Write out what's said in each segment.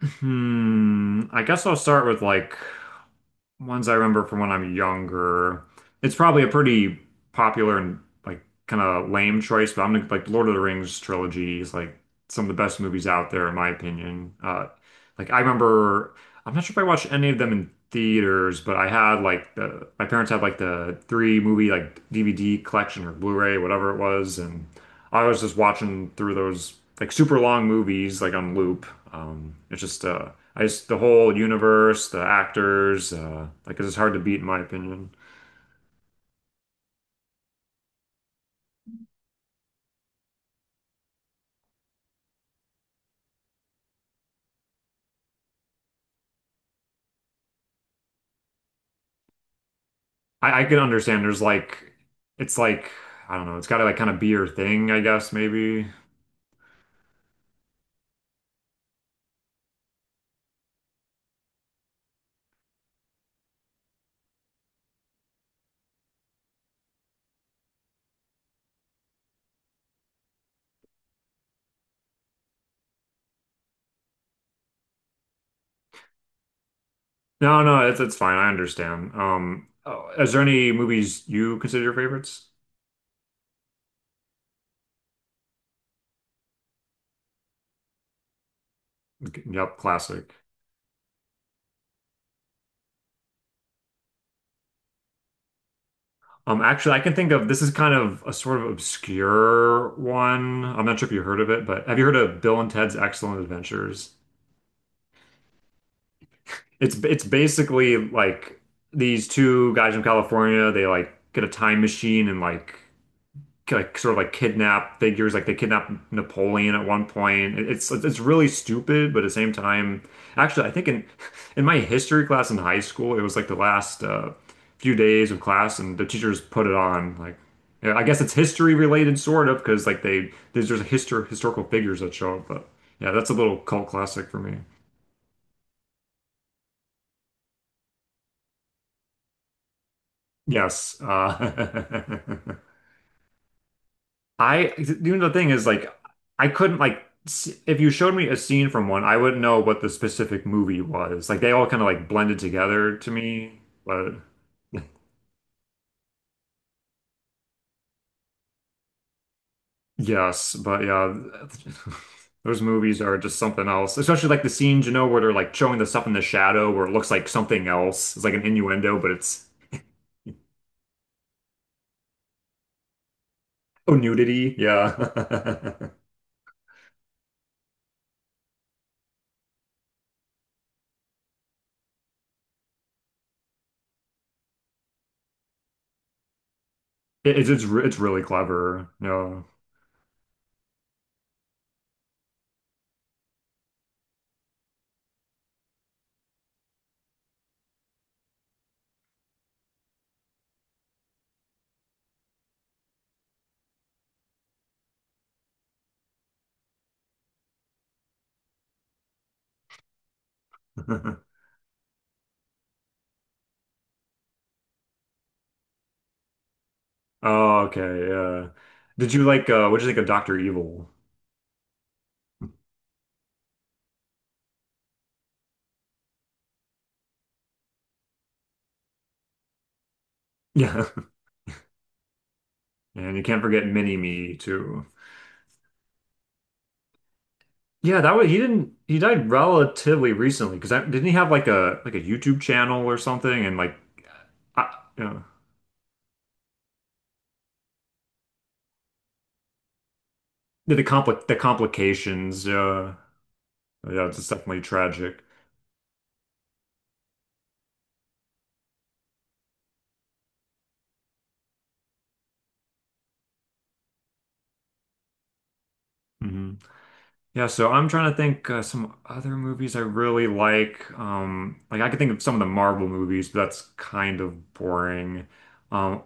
Hmm. I guess I'll start with like ones I remember from when I'm younger. It's probably a pretty popular and like kind of lame choice, but I'm gonna like Lord of the Rings trilogy is like some of the best movies out there in my opinion. Like I remember, I'm not sure if I watched any of them in theaters, but I had like the my parents had like the three movie like DVD collection or Blu-ray, whatever it was, and I was just watching through those like super long movies like on loop. It's just I just the whole universe, the actors, like it's just hard to beat in my opinion. I can understand there's like it's like I don't know, it's gotta like kind of be your thing, I guess maybe. No, no, it's fine. I understand. Oh, is there any movies you consider your favorites? Yep, classic. Actually, I can think of this is kind of a sort of obscure one. I'm not sure if you heard of it, but have you heard of Bill and Ted's Excellent Adventures? It's basically like these two guys from California, they like get a time machine and like sort of like kidnap figures, like they kidnap Napoleon at one point. It's really stupid, but at the same time, actually, I think in in my history class in high school, it was like the last few days of class, and the teachers put it on. Like, yeah, I guess it's history related, sort of, because like they there's just historical figures that show up. But yeah, that's a little cult classic for me. Yes. I, the thing is, like, I couldn't, like, if you showed me a scene from one, I wouldn't know what the specific movie was. Like, they all kind of, like, blended together to me. But yes, but yeah, those movies are just something else. Especially, like, the scenes, where they're, like, showing the stuff in the shadow where it looks like something else. It's like an innuendo, but it's, oh, nudity. Yeah. It, it's, re- it's really clever. No. Oh, okay. Yeah. Did you like, what did you think of Dr. Evil? Yeah. And you can't forget Mini Me too. Yeah, that was he didn't he died relatively recently because didn't he have like a YouTube channel or something and like I, the complications, yeah, it's definitely tragic. Hmm. Yeah, so I'm trying to think some other movies I really like. Like I could think of some of the Marvel movies, but that's kind of boring. Um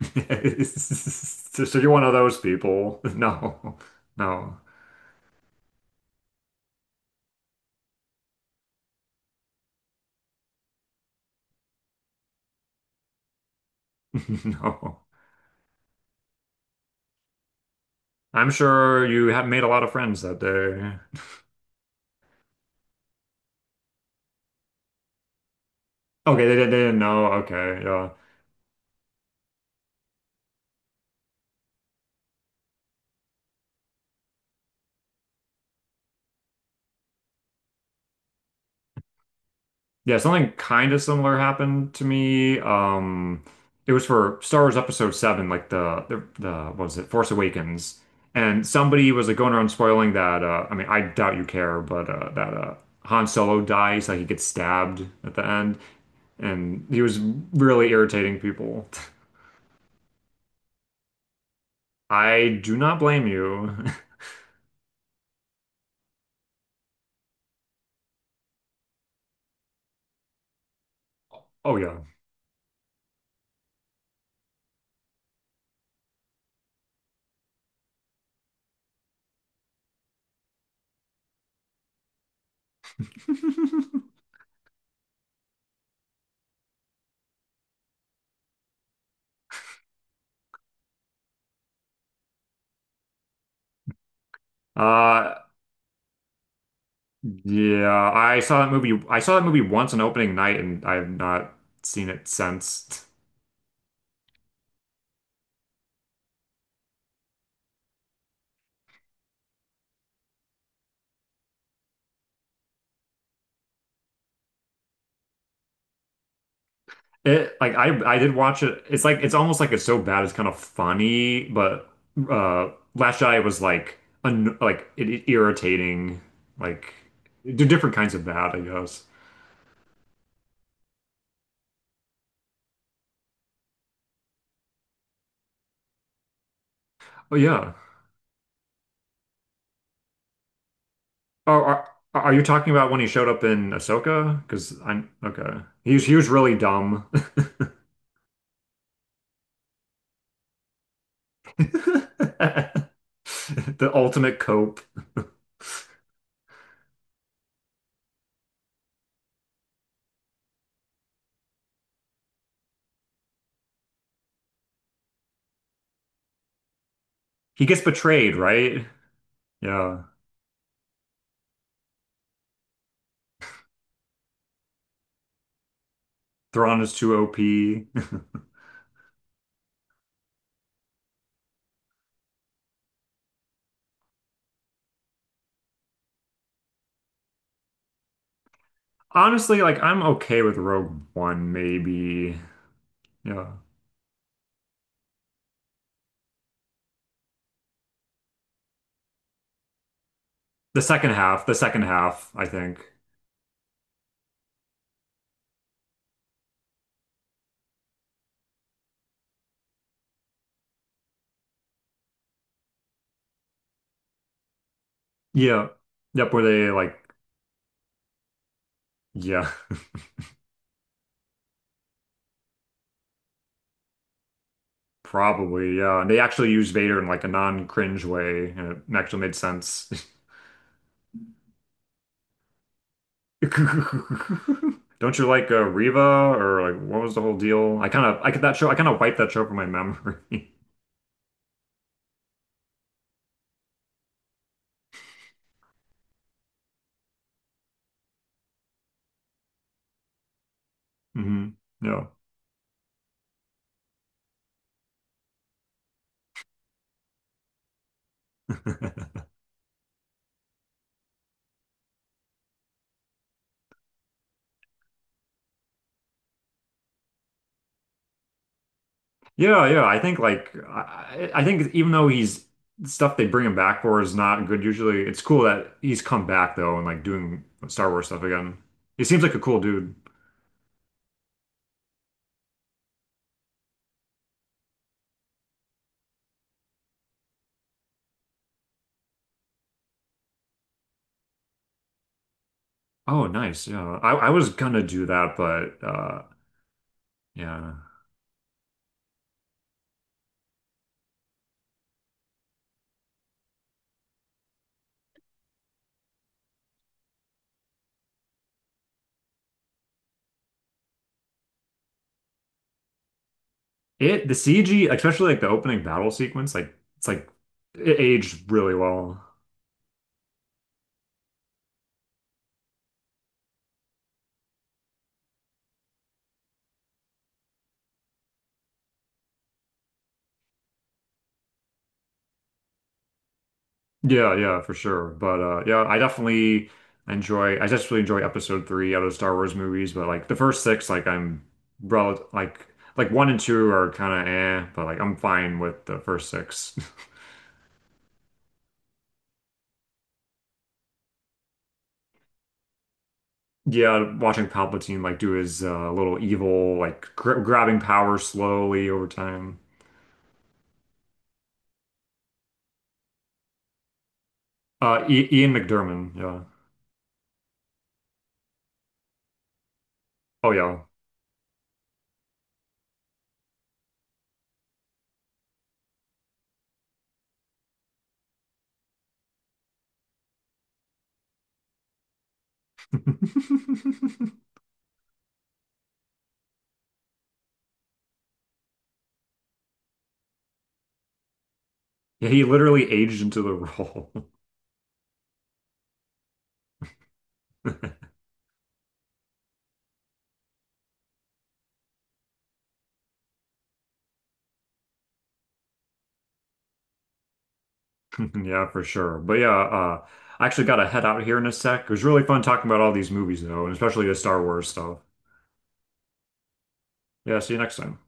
so you're one of those people. No. No. No. I'm sure you have made a lot of friends that day. Okay, they didn't know. Okay, yeah. Yeah, something kind of similar happened to me. It was for Star Wars Episode 7, like the what was it, Force Awakens. And somebody was like going around spoiling that, I mean, I doubt you care, but that Han Solo dies, like he gets stabbed at the end. And he was really irritating people. I do not blame you. Oh, yeah. Uh, Yeah, I saw that movie. I saw that movie once on opening night, and I have not seen it since. It like I did watch it. It's like it's almost like it's so bad it's kind of funny, but uh Last Jedi was like un like it irritating. Like they're different kinds of bad, I guess. But yeah. Are you talking about when he showed up in Ahsoka? Because I'm okay. He was really dumb. The ultimate cope. He gets betrayed, right? Yeah. Thrawn is too OP. Honestly, like I'm okay with Rogue One, maybe. Yeah. The second half, I think. Yeah. Yep, where they like yeah, probably, yeah. And they actually used Vader in like a non-cringe way and it actually made sense. Don't you like Reva or like what was the whole deal? I kind of I could that show, I kind of wiped that show from my memory. Hmm. Yeah. Yeah, yeah. I think like I think even though he's stuff they bring him back for is not good usually, it's cool that he's come back though and like doing Star Wars stuff again. He seems like a cool dude. Oh, nice. Yeah. I was gonna do that, but yeah. It the CG, especially like the opening battle sequence, like it's like it aged really well. Yeah, yeah, for sure. But yeah, I definitely enjoy I just really enjoy episode three out of Star Wars movies, but like the first six, like I'm rel like one and two are kinda eh, but like I'm fine with the first six. Yeah, watching Palpatine like do his little evil like gr grabbing power slowly over time. I Ian McDiarmid, yeah. Oh yeah. Yeah, he literally aged into the role. Yeah, for sure. But yeah, I actually got to head out here in a sec. It was really fun talking about all these movies, though, and especially the Star Wars stuff. Yeah, see you next time.